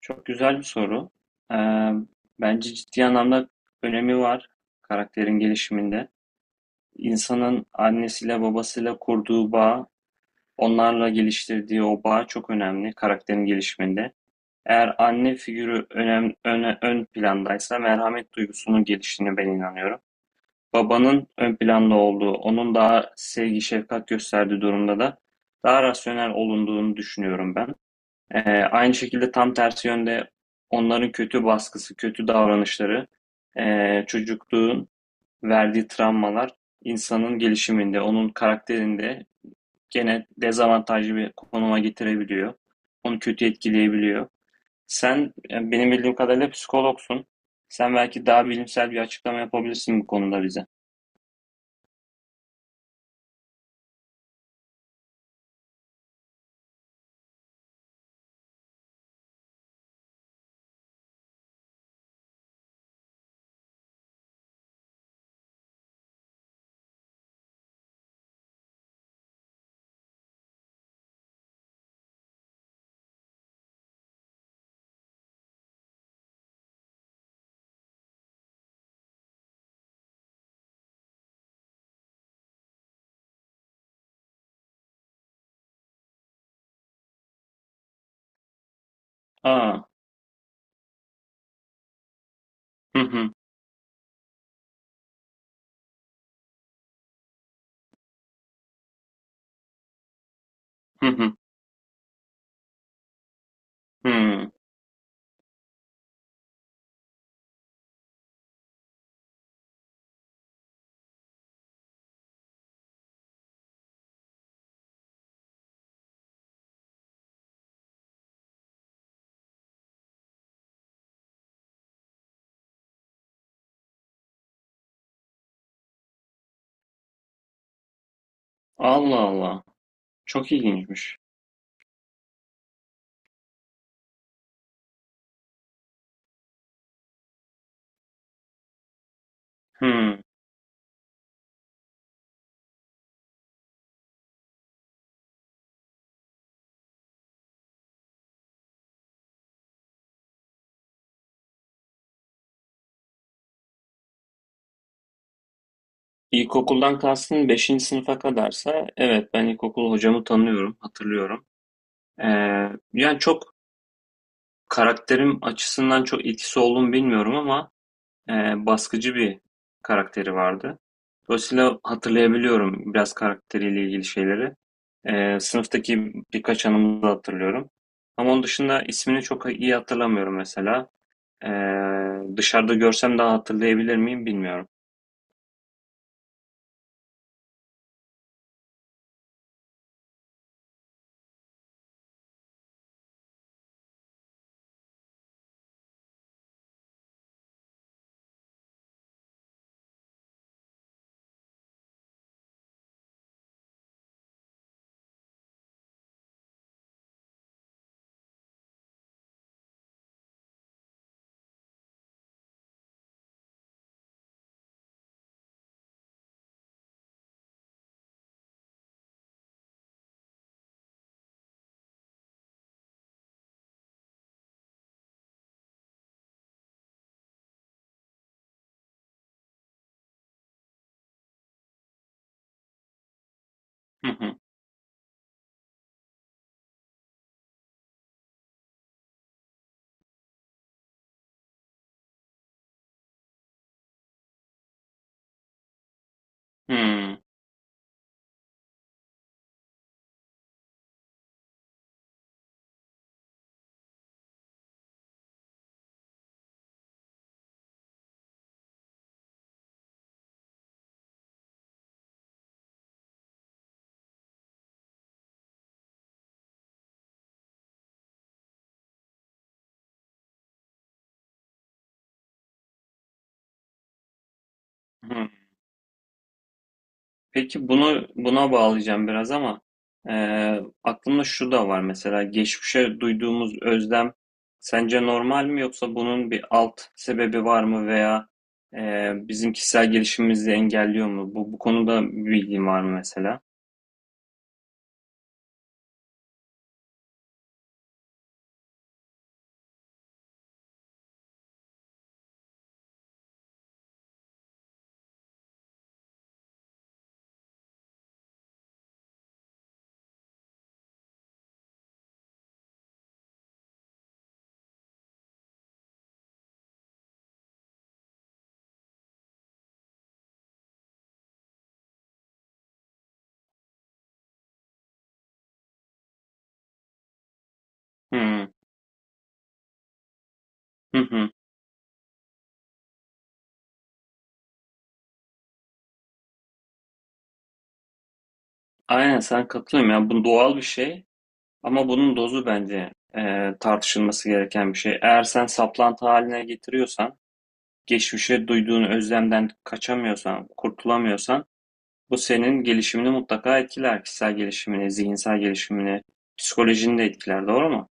Çok güzel bir soru. Ee, bence ciddi anlamda önemi var karakterin gelişiminde. İnsanın annesiyle babasıyla kurduğu bağ, onlarla geliştirdiği o bağ çok önemli karakterin gelişiminde. Eğer anne figürü ön plandaysa merhamet duygusunun geliştiğine ben inanıyorum. Babanın ön planda olduğu, onun daha sevgi, şefkat gösterdiği durumda da daha rasyonel olunduğunu düşünüyorum ben. Aynı şekilde tam tersi yönde onların kötü baskısı, kötü davranışları, çocukluğun verdiği travmalar insanın gelişiminde, onun karakterinde gene dezavantajlı bir konuma getirebiliyor. Onu kötü etkileyebiliyor. Sen benim bildiğim kadarıyla psikologsun. Sen belki daha bilimsel bir açıklama yapabilirsin bu konuda bize. Aa, hı hı. Hı hı. Hı. Allah Allah. Çok ilginçmiş. Hı. İlkokuldan kastın beşinci sınıfa kadarsa evet ben ilkokul hocamı tanıyorum, hatırlıyorum. Ee, yani çok karakterim açısından çok etkisi olduğunu bilmiyorum ama e, baskıcı bir karakteri vardı. Dolayısıyla hatırlayabiliyorum biraz karakteriyle ilgili şeyleri. Sınıftaki birkaç anımı da hatırlıyorum. Ama onun dışında ismini çok iyi hatırlamıyorum mesela. Dışarıda görsem daha hatırlayabilir miyim bilmiyorum. Hı hı. Hmm, hı. Peki bunu buna bağlayacağım biraz ama aklımda şu da var mesela geçmişe duyduğumuz özlem sence normal mi yoksa bunun bir alt sebebi var mı veya bizim kişisel gelişimimizi engelliyor mu? Bu konuda bir bilgin var mı mesela? Hı hı. Hı. Aynen sen katılıyorum ya bu doğal bir şey. Ama bunun dozu bence tartışılması gereken bir şey. Eğer sen saplantı haline getiriyorsan, geçmişe duyduğun özlemden kaçamıyorsan, kurtulamıyorsan, bu senin gelişimini mutlaka etkiler. Kişisel gelişimini, zihinsel gelişimini, psikolojini de etkiler, doğru mu?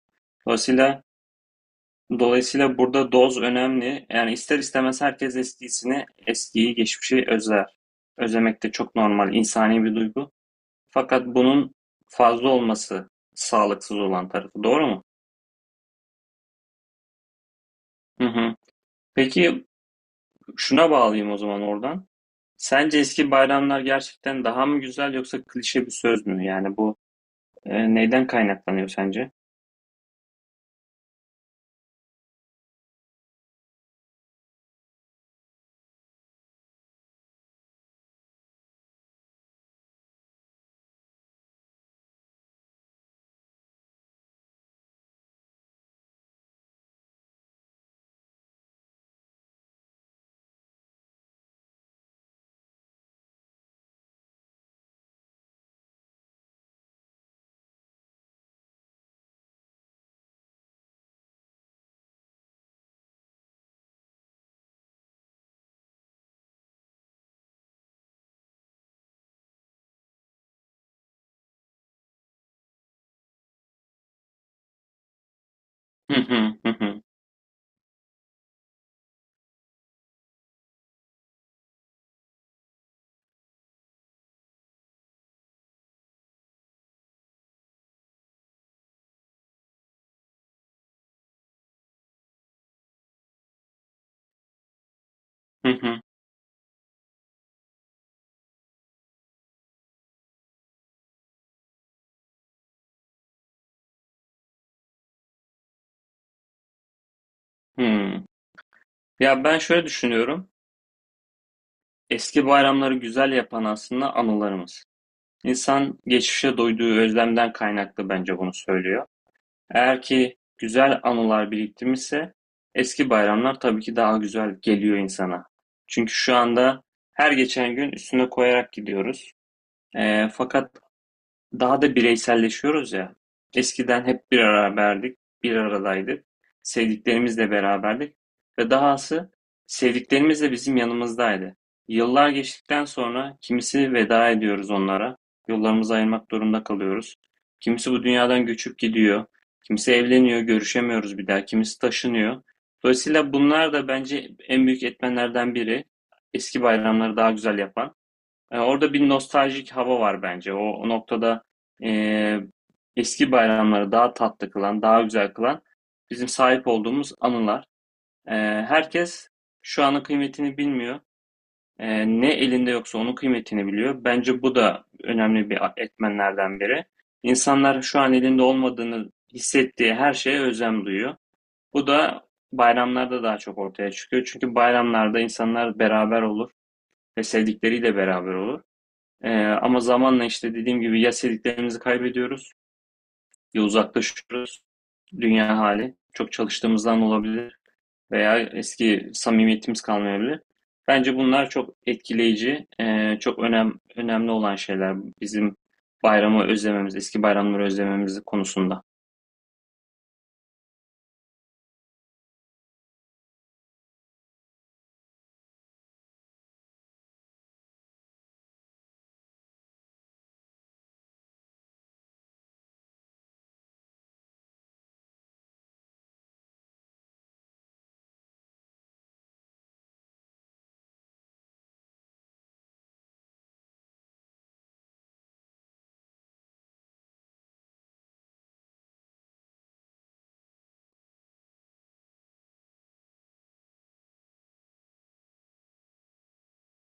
Dolayısıyla dolayısıyla burada doz önemli. Yani ister istemez herkes eskisini, eskiyi, geçmişi özler. Özlemek de çok normal, insani bir duygu. Fakat bunun fazla olması sağlıksız olan tarafı, doğru mu? Hı hı. Peki şuna bağlayayım o zaman oradan. Sence eski bayramlar gerçekten daha mı güzel yoksa klişe bir söz mü? Yani bu neyden kaynaklanıyor sence? Hı hı hı hı hı hı. Hı. Ya ben şöyle düşünüyorum. Eski bayramları güzel yapan aslında anılarımız. İnsan geçmişe duyduğu özlemden kaynaklı bence bunu söylüyor. Eğer ki güzel anılar biriktirmişse eski bayramlar tabii ki daha güzel geliyor insana. Çünkü şu anda her geçen gün üstüne koyarak gidiyoruz. Fakat daha da bireyselleşiyoruz ya. Eskiden hep bir beraberdik, bir aradaydık. Sevdiklerimizle beraberdik ve dahası sevdiklerimiz de bizim yanımızdaydı. Yıllar geçtikten sonra kimisi veda ediyoruz onlara, yollarımızı ayırmak durumunda kalıyoruz. Kimisi bu dünyadan göçüp gidiyor, kimisi evleniyor, görüşemiyoruz bir daha, kimisi taşınıyor. Dolayısıyla bunlar da bence en büyük etmenlerden biri. Eski bayramları daha güzel yapan. E, orada bir nostaljik hava var bence. O noktada e, eski bayramları daha tatlı kılan, daha güzel kılan bizim sahip olduğumuz anılar. E, herkes şu anın kıymetini bilmiyor. E, ne elinde yoksa onun kıymetini biliyor. Bence bu da önemli bir etmenlerden biri. İnsanlar şu an elinde olmadığını hissettiği her şeye özlem duyuyor. Bu da bayramlarda daha çok ortaya çıkıyor. Çünkü bayramlarda insanlar beraber olur ve sevdikleriyle beraber olur. Ama zamanla işte dediğim gibi ya sevdiklerimizi kaybediyoruz ya uzaklaşıyoruz. Dünya hali. Çok çalıştığımızdan olabilir veya eski samimiyetimiz kalmayabilir. Bence bunlar çok etkileyici, çok önemli olan şeyler bizim bayramı özlememiz, eski bayramları özlememiz konusunda.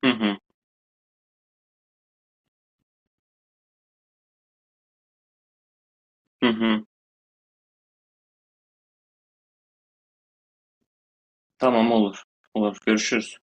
Hı hı, hı hı. Tamam olur, olur. Görüşürüz.